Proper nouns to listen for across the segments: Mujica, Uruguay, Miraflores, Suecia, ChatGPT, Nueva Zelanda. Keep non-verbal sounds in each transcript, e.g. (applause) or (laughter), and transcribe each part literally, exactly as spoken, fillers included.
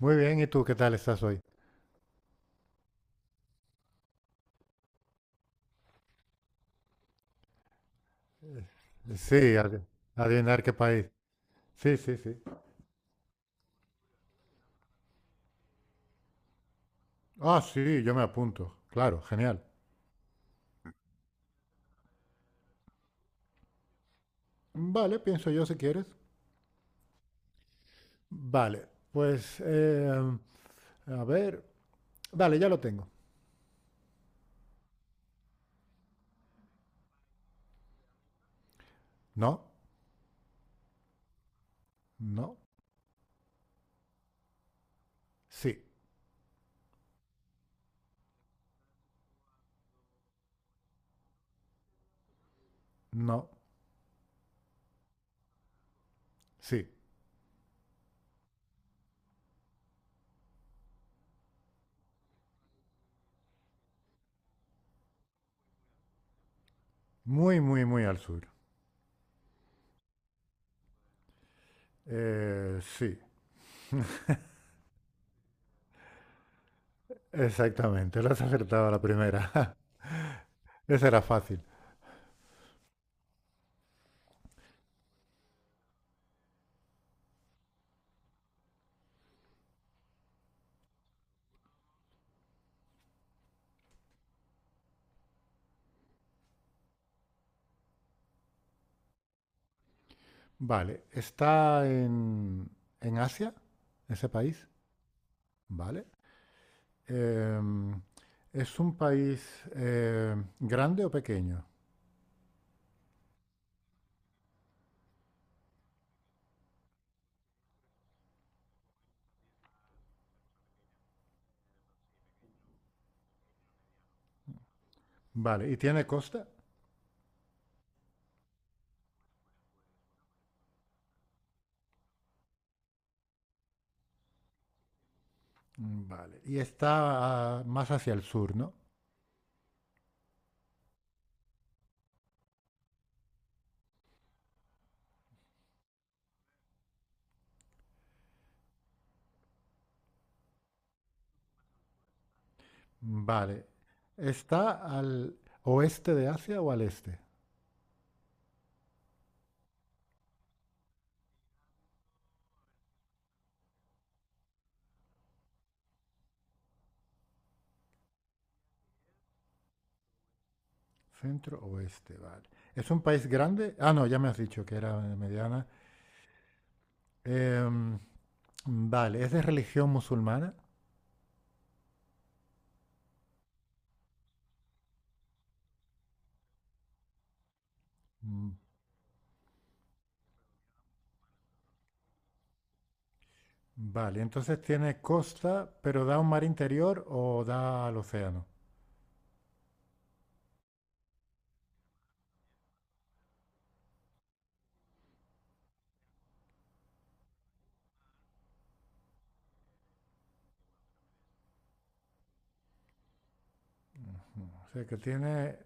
Muy bien, ¿y tú qué tal estás hoy? Sí, adi- adivinar qué país. Sí, sí, sí. Ah, sí, yo me apunto. Claro, genial. Vale, pienso yo si quieres. Vale, pues, eh, a ver. Vale, ya lo tengo. No, no, sí, no, sí. Muy, muy, muy al sur. Eh, sí, exactamente. Lo has acertado a la primera. (laughs) Esa era fácil. Vale, ¿está en, en Asia, ese país? Vale. Em, ¿es un país eh, grande o pequeño? Vale, ¿y tiene costa? Mm, vale, y está ah, más hacia el sur, ¿no? Vale, ¿está al oeste de Asia o al este? Centro oeste, vale. ¿Es un país grande? Ah, no, ya me has dicho que era mediana. Em, vale, ¿es de religión musulmana? Mm, vale, entonces tiene costa, pero da un mar interior o da al océano. O sea que tiene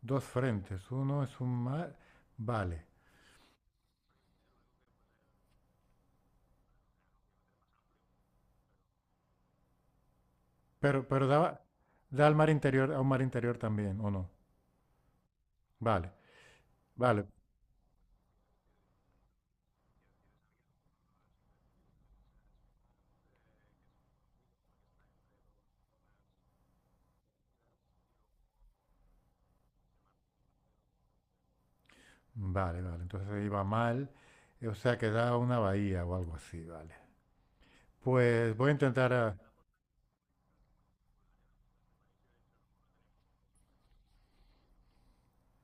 dos frentes. Uno es un mar, vale. Pero, pero da, da al mar interior, a un mar interior también, ¿o no? Vale, vale, vale, vale. Entonces ahí va mal. eh, O sea que da a una bahía o algo así, vale. Pues voy a intentar a-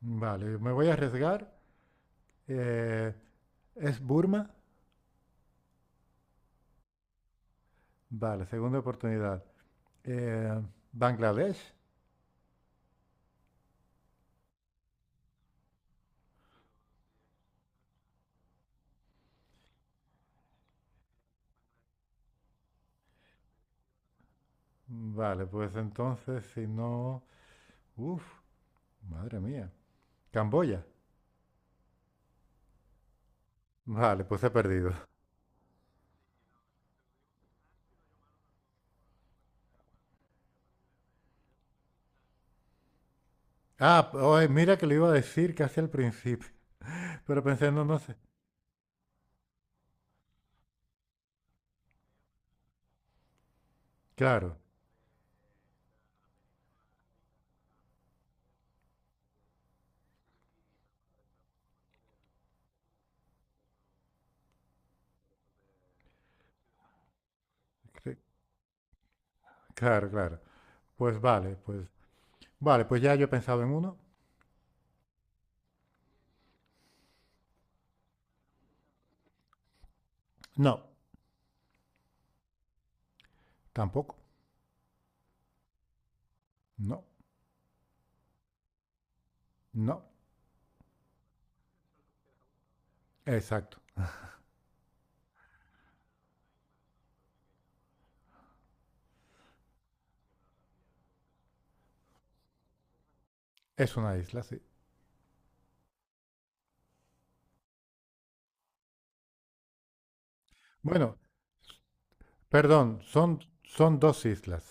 vale, me voy a arriesgar. Eh, ¿es Burma? Vale, segunda oportunidad. Eh, ¿Bangladesh? Vale, pues entonces si no... Uf, madre mía. ¿Camboya? Vale, pues he perdido. Ah, p- oye, mira que lo iba a decir casi al principio, (laughs) pero pensé, no, no sé. Claro, sí, claro, claro. Pues vale, pues vale, pues ya yo he pensado en uno. No, tampoco. No, no. Exacto. Es una isla, sí. Bueno, perdón, son, son dos islas.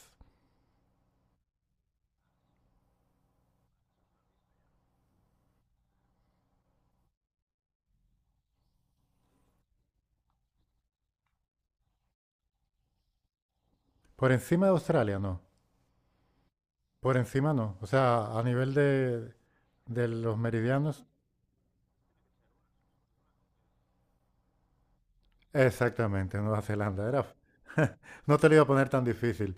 Por encima de Australia, no. Por encima no. O sea, a nivel de, de los meridianos, exactamente, Nueva Zelanda. Era, (laughs) no te lo iba a poner tan difícil.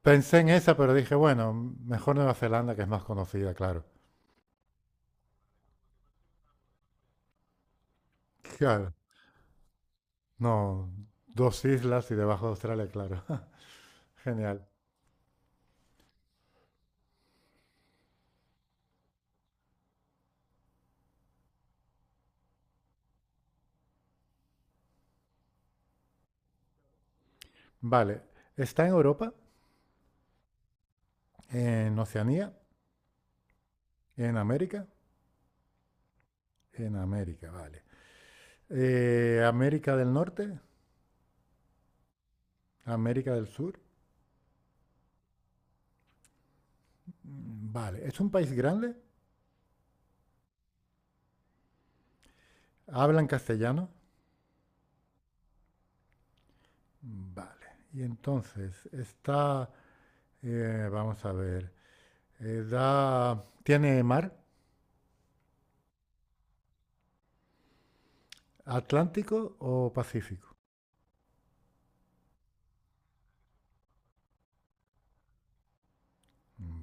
Pensé en esa, pero dije, bueno, mejor Nueva Zelanda, que es más conocida, claro. Claro, no, dos islas y debajo de Australia, claro. (laughs) Genial. Vale, está en Europa, en Oceanía, en América, en América, vale. Eh, América del Norte, América del Sur, mm, vale. ¿Es un país grande? ¿Hablan castellano? Vale. Y entonces, está, eh, vamos a ver, eh, da, ¿tiene mar, Atlántico o Pacífico?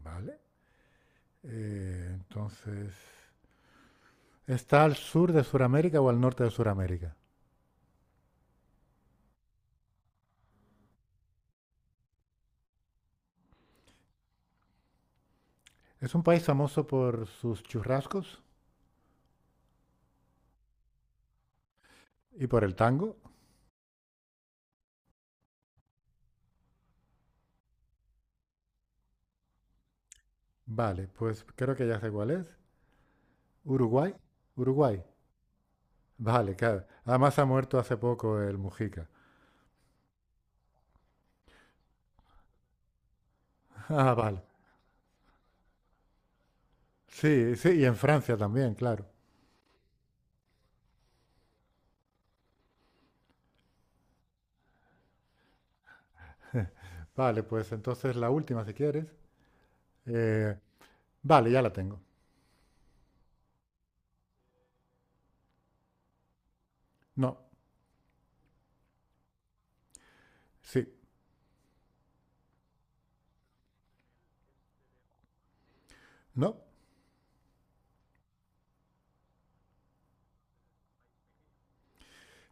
Vale. Eh, entonces, ¿está al sur de Sudamérica o al norte de Sudamérica? Es un país famoso por sus churrascos y por el tango. Vale, pues creo que ya sé cuál es. Uruguay. Uruguay. Vale, claro. Además ha muerto hace poco el Mujica. (laughs) Ah, vale. Sí, sí, y en Francia también, claro. Vale, pues entonces la última si quieres. Eh, vale, ya la tengo. No, sí, no,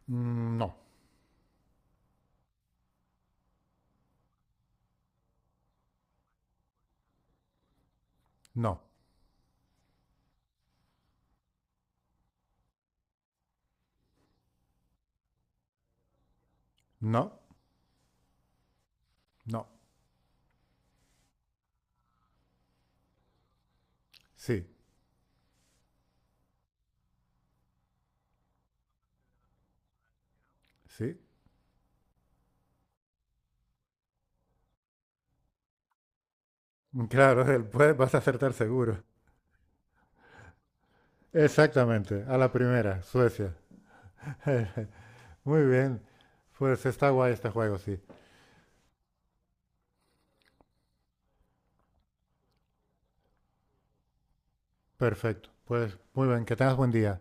mm, no, no, no, no, sí, sí. Claro, el- pues vas a acertar seguro. Exactamente, a la primera, Suecia. (laughs) Muy bien, pues está guay este juego, sí. Perfecto, pues muy bien, que tengas buen día.